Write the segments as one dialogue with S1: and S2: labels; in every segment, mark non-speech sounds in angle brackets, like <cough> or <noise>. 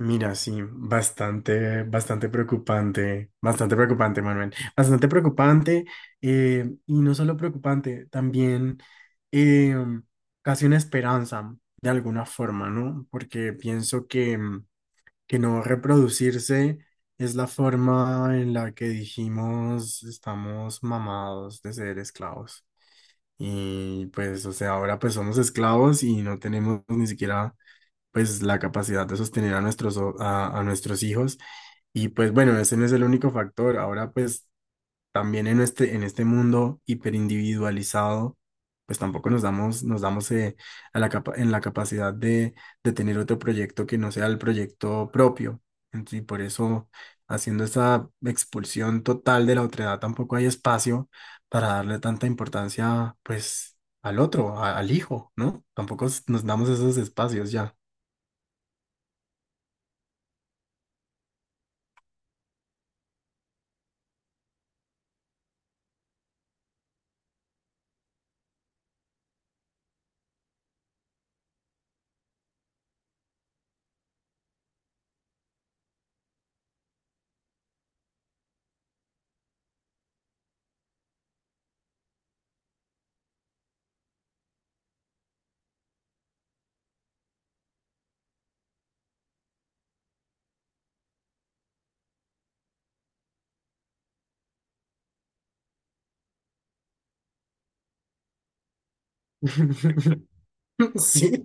S1: Mira, sí, bastante preocupante, bastante preocupante, Manuel, bastante preocupante, y no solo preocupante, también eh, casi una esperanza de alguna forma, ¿no? Porque pienso que no reproducirse es la forma en la que dijimos estamos mamados de ser esclavos. Y pues, o sea, ahora pues somos esclavos y no tenemos ni siquiera pues la capacidad de sostener a nuestros hijos. Y pues bueno, ese no es el único factor. Ahora pues también en este mundo hiperindividualizado, pues tampoco nos damos a la capa- en la capacidad de tener otro proyecto que no sea el proyecto propio. Y por eso haciendo esa expulsión total de la otredad tampoco hay espacio para darle tanta importancia pues al otro, al hijo, ¿no? Tampoco nos damos esos espacios ya. <laughs> Sí,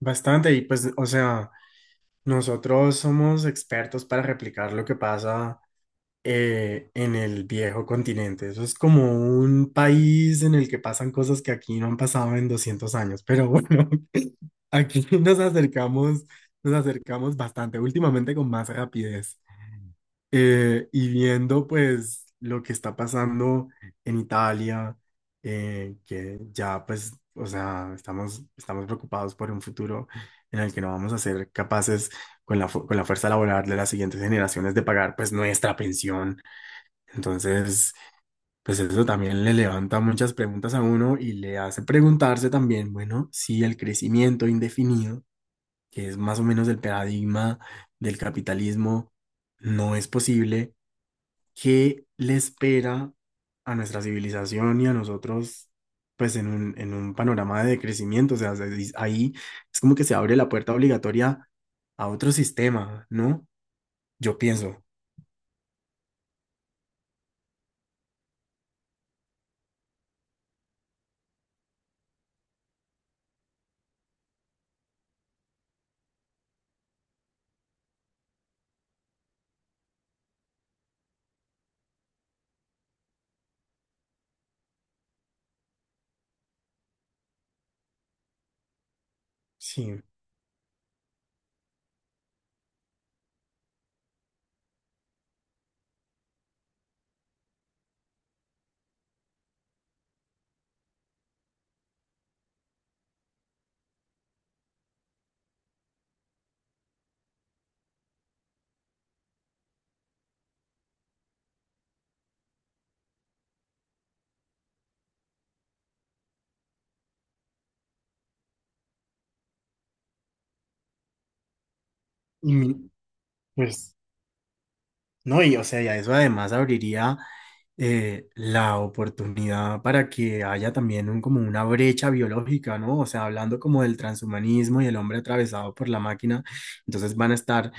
S1: bastante. Y pues, o sea, nosotros somos expertos para replicar lo que pasa en el viejo continente. Eso es como un país en el que pasan cosas que aquí no han pasado en 200 años. Pero bueno, <laughs> aquí nos acercamos bastante, últimamente con más rapidez. Y viendo pues lo que está pasando en Italia, que ya pues, o sea, estamos, estamos preocupados por un futuro en el que no vamos a ser capaces con con la fuerza laboral de las siguientes generaciones de pagar pues nuestra pensión. Entonces, pues eso también le levanta muchas preguntas a uno y le hace preguntarse también, bueno, si el crecimiento indefinido, que es más o menos el paradigma del capitalismo, no es posible. ¿Qué le espera a nuestra civilización y a nosotros, pues en un panorama de crecimiento? O sea, ahí es como que se abre la puerta obligatoria a otro sistema, ¿no? Yo pienso, sí. Y mi- pues, no, y o sea, y a eso además abriría la oportunidad para que haya también como una brecha biológica, ¿no? O sea, hablando como del transhumanismo y el hombre atravesado por la máquina, entonces van a estar.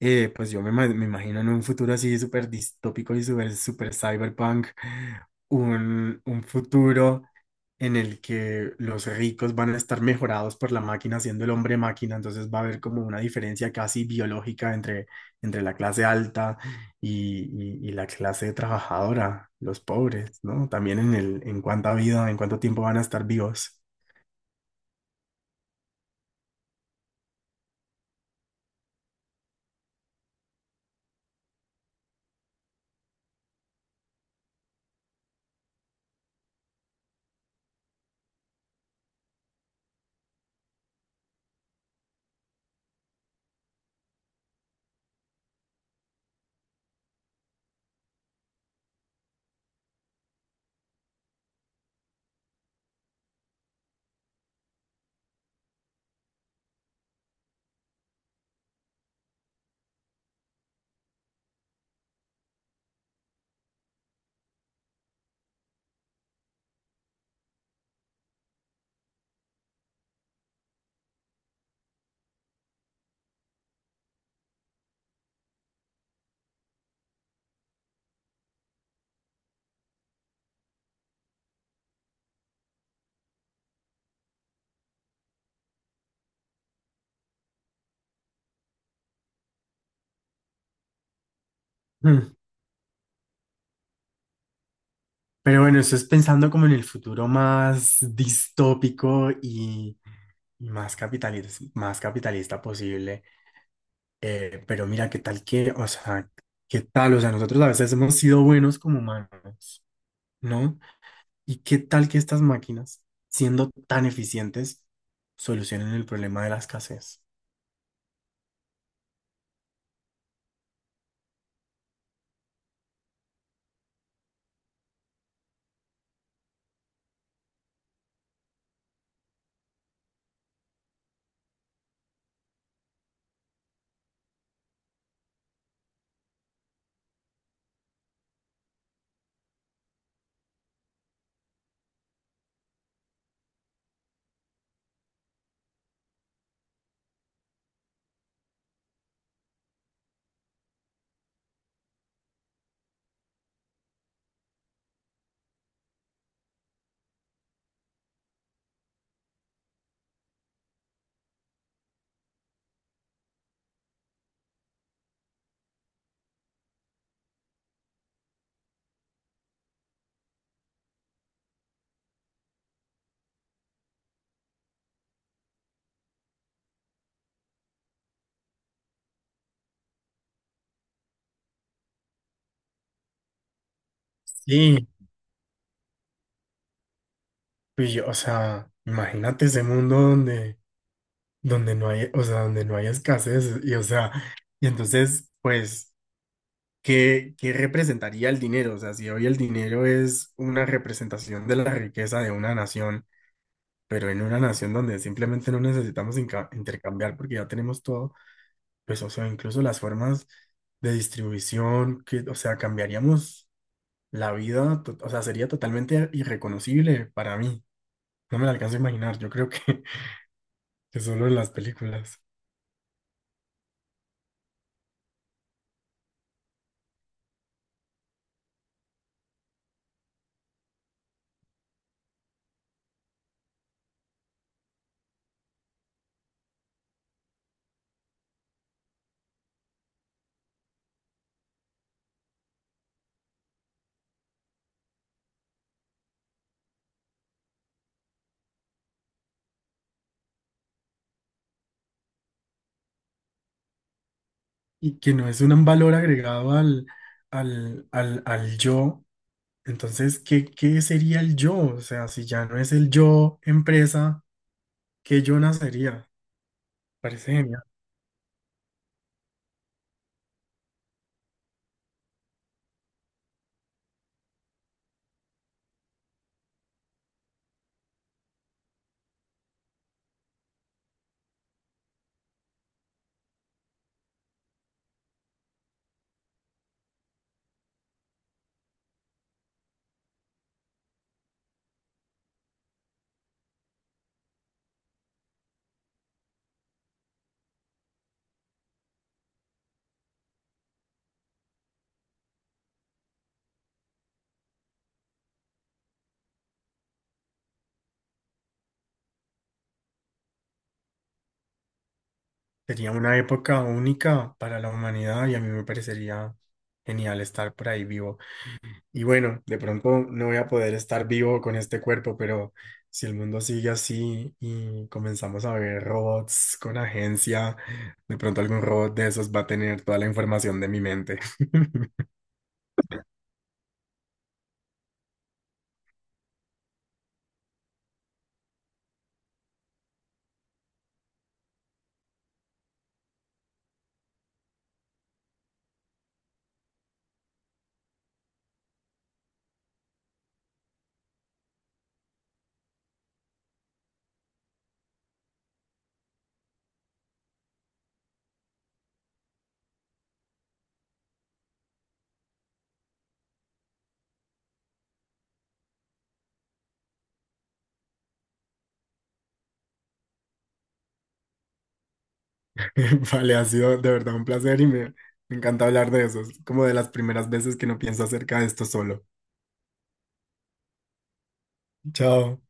S1: Me imagino en un futuro así súper distópico y súper cyberpunk, un futuro en el que los ricos van a estar mejorados por la máquina, siendo el hombre máquina, entonces va a haber como una diferencia casi biológica entre, entre la clase alta y, y la clase trabajadora, los pobres, ¿no? También en en cuánta vida, en cuánto tiempo van a estar vivos. Mm. Pero bueno, eso es pensando como en el futuro más distópico, más capitalista posible. Pero mira, qué tal, o sea, nosotros a veces hemos sido buenos como humanos, ¿no? Y qué tal que estas máquinas, siendo tan eficientes, solucionen el problema de la escasez. Sí, pues, yo, o sea, imagínate ese mundo donde, donde no hay, o sea, donde no hay escasez y, o sea, y entonces, pues. ¿Qué, qué representaría el dinero? O sea, si hoy el dinero es una representación de la riqueza de una nación, pero en una nación donde simplemente no necesitamos intercambiar porque ya tenemos todo, pues, o sea, incluso las formas de distribución, que, o sea, cambiaríamos la vida, o sea, sería totalmente irreconocible para mí. No me la alcanzo a imaginar, yo creo que, <laughs> que solo en las películas. Y que no es un valor agregado al yo. Entonces, ¿qué, qué sería el yo? O sea, si ya no es el yo empresa, ¿qué yo nacería? Parece genial. Sería una época única para la humanidad y a mí me parecería genial estar por ahí vivo. Y bueno, de pronto no voy a poder estar vivo con este cuerpo, pero si el mundo sigue así y comenzamos a ver robots con agencia, de pronto algún robot de esos va a tener toda la información de mi mente. <laughs> <laughs> Vale, ha sido de verdad un placer y me encanta hablar de eso. Es como de las primeras veces que no pienso acerca de esto solo. Chao.